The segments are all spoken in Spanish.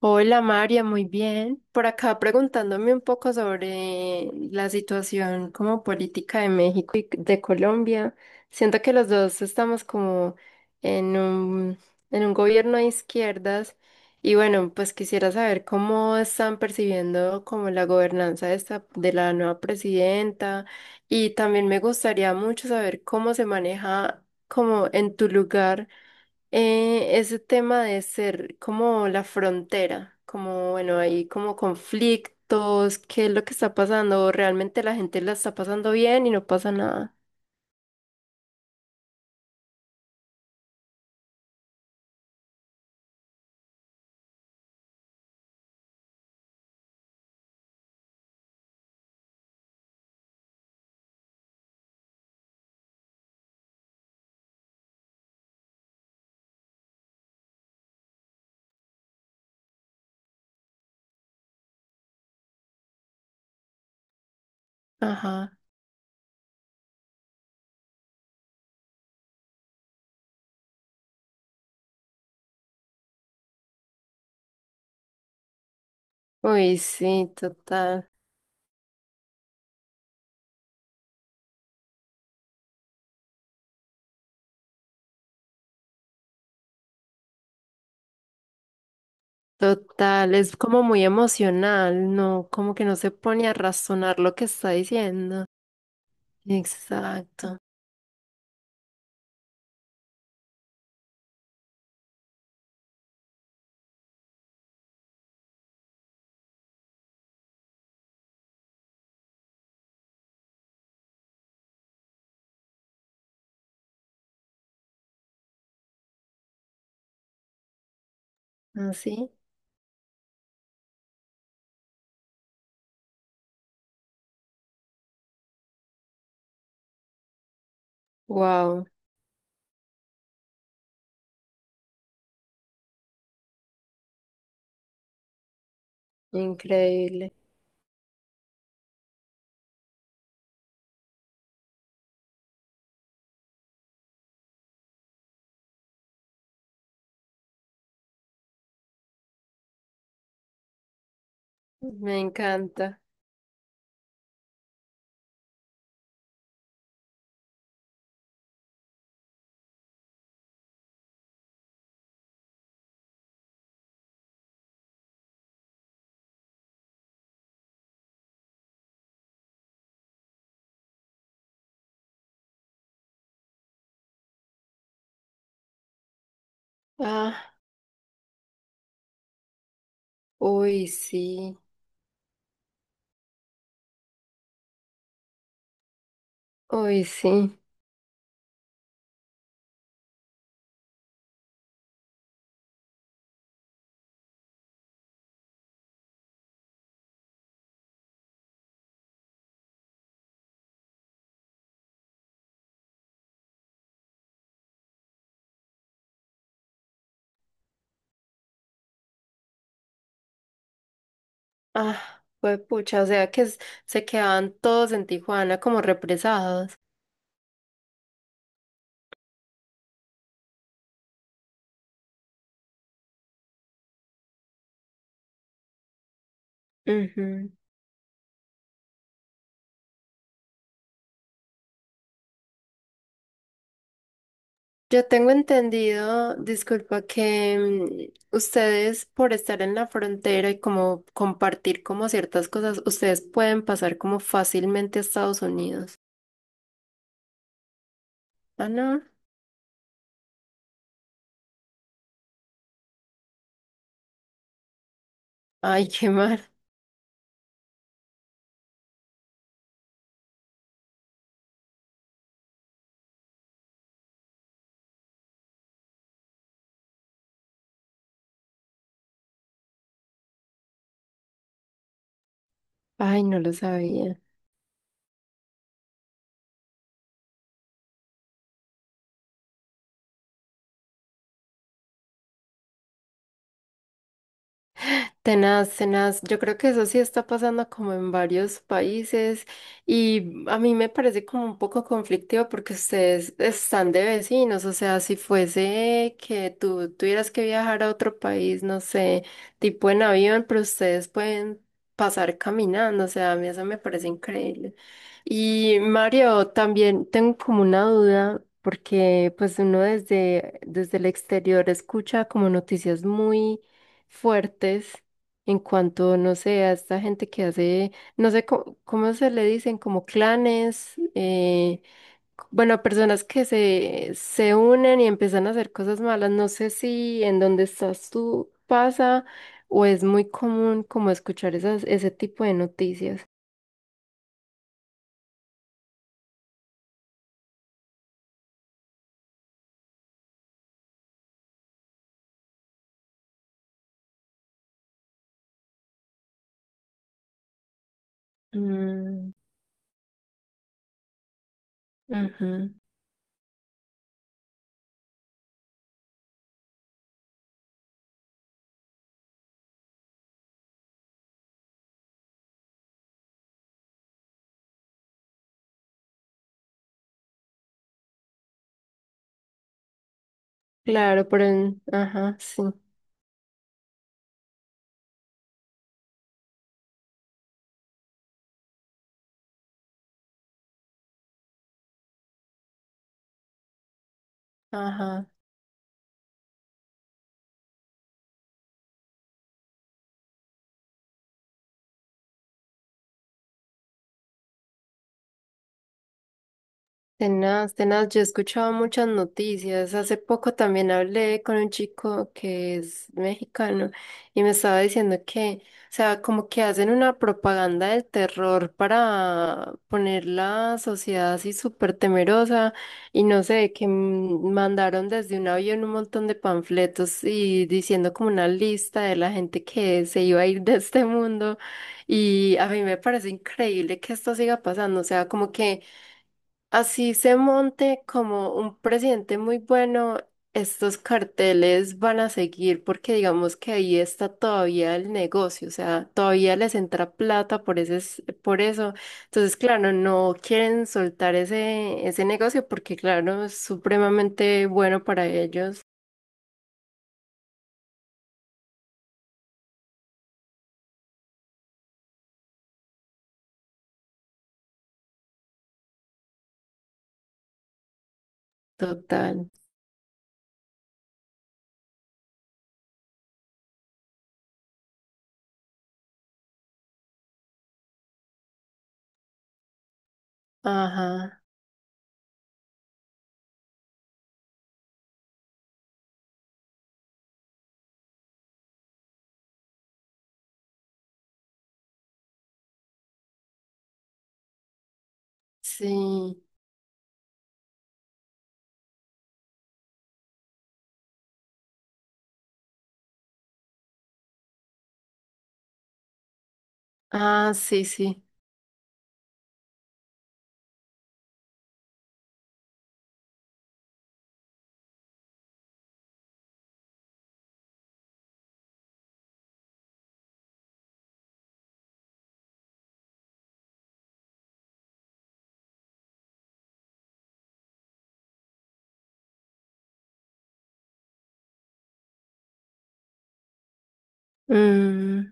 Hola María, muy bien. Por acá preguntándome un poco sobre la situación como política de México y de Colombia. Siento que los dos estamos como en un, en un gobierno de izquierdas y bueno, pues quisiera saber cómo están percibiendo como la gobernanza de esta, de la nueva presidenta y también me gustaría mucho saber cómo se maneja como en tu lugar. Ese tema de ser como la frontera, como bueno, hay como conflictos, qué es lo que está pasando, realmente la gente la está pasando bien y no pasa nada. Ajá. Uy, sí, total, total, es como muy emocional, ¿no? Como que no se pone a razonar lo que está diciendo. Exacto, así. Wow, increíble, me encanta. Ah, uy, sí, uy, sí. Ah, fue pucha, o sea que s- se quedaban todos en Tijuana como represados. Ujú. Yo tengo entendido, disculpa, que ustedes por estar en la frontera y como compartir como ciertas cosas, ustedes pueden pasar como fácilmente a Estados Unidos. Ah, no. Ay, qué mal. Ay, no lo sabía. Tenaz, tenaz. Yo creo que eso sí está pasando como en varios países y a mí me parece como un poco conflictivo porque ustedes están de vecinos, o sea, si fuese que tú tuvieras que viajar a otro país, no sé, tipo en avión, pero ustedes pueden pasar caminando, o sea, a mí eso me parece increíble. Y Mario, también tengo como una duda. Porque pues uno desde el exterior escucha como noticias muy fuertes en cuanto, no sé, a esta gente que hace, no sé cómo, cómo se le dicen, como clanes, c- bueno, personas que se unen y empiezan a hacer cosas malas. No sé si en donde estás tú pasa o es muy común como escuchar esas, ese tipo de noticias. Mm, ujú. Claro, por el, ajá, sí, ajá. Tenaz, tenaz, yo he escuchado muchas noticias. Hace poco también hablé con un chico que es mexicano y me estaba diciendo que, o sea, como que hacen una propaganda del terror para poner la sociedad así súper temerosa y no sé, que mandaron desde un avión un montón de panfletos y diciendo como una lista de la gente que se iba a ir de este mundo y a mí me parece increíble que esto siga pasando, o sea, como que... Así se monte como un presidente muy bueno, estos carteles van a seguir porque digamos que ahí está todavía el negocio, o sea, todavía les entra plata por ese, s- por eso. Entonces, claro, no quieren soltar ese, ese negocio porque, claro, es supremamente bueno para ellos. Total. Ajá. Sí. Ah, sí, sí. Mm,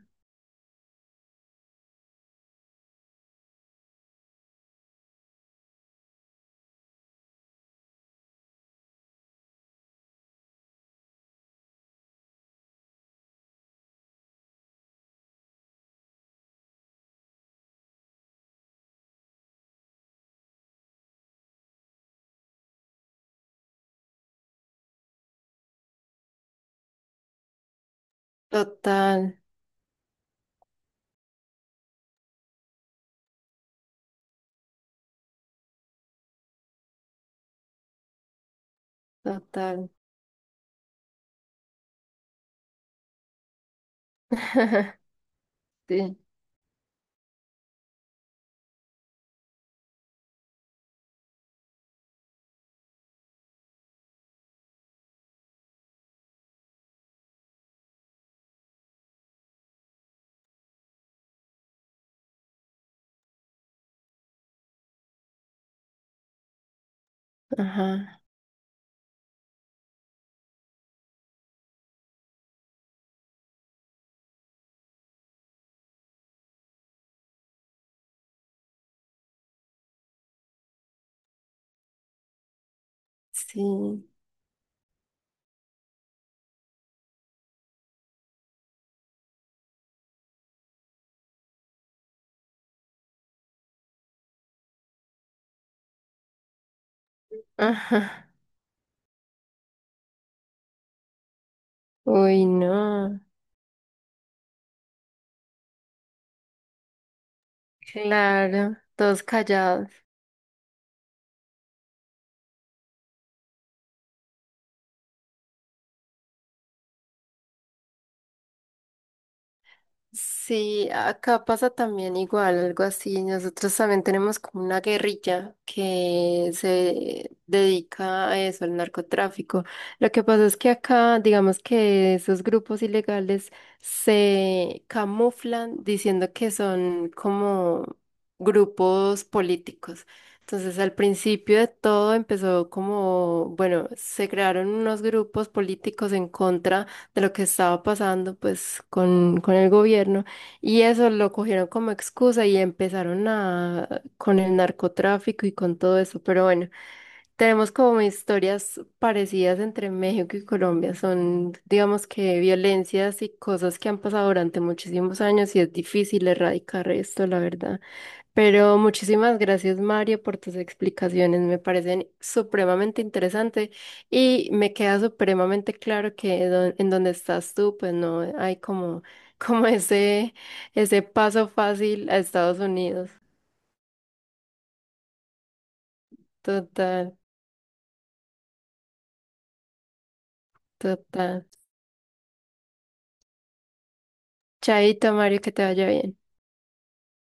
total, total. Sí. Ajá. Sí. Ajá. Uy, no. Claro, todos callados. Sí, acá pasa también igual, algo así. Nosotros también tenemos como una guerrilla que se dedica a eso, al narcotráfico. Lo que pasa es que acá, digamos que esos grupos ilegales se camuflan diciendo que son como grupos políticos. Entonces, al principio de todo empezó como, bueno, se crearon unos grupos políticos en contra de lo que estaba pasando pues con el gobierno y eso lo cogieron como excusa y empezaron a con el narcotráfico y con todo eso, pero bueno, tenemos como historias parecidas entre México y Colombia, son digamos que violencias y cosas que han pasado durante muchísimos años y es difícil erradicar esto, la verdad. Pero muchísimas gracias, Mario, por tus explicaciones. Me parecen supremamente interesantes y me queda supremamente claro que don- en donde estás tú, pues no hay como, como ese paso fácil a Estados Unidos. Total, total. Chaito, Mario, que te vaya bien.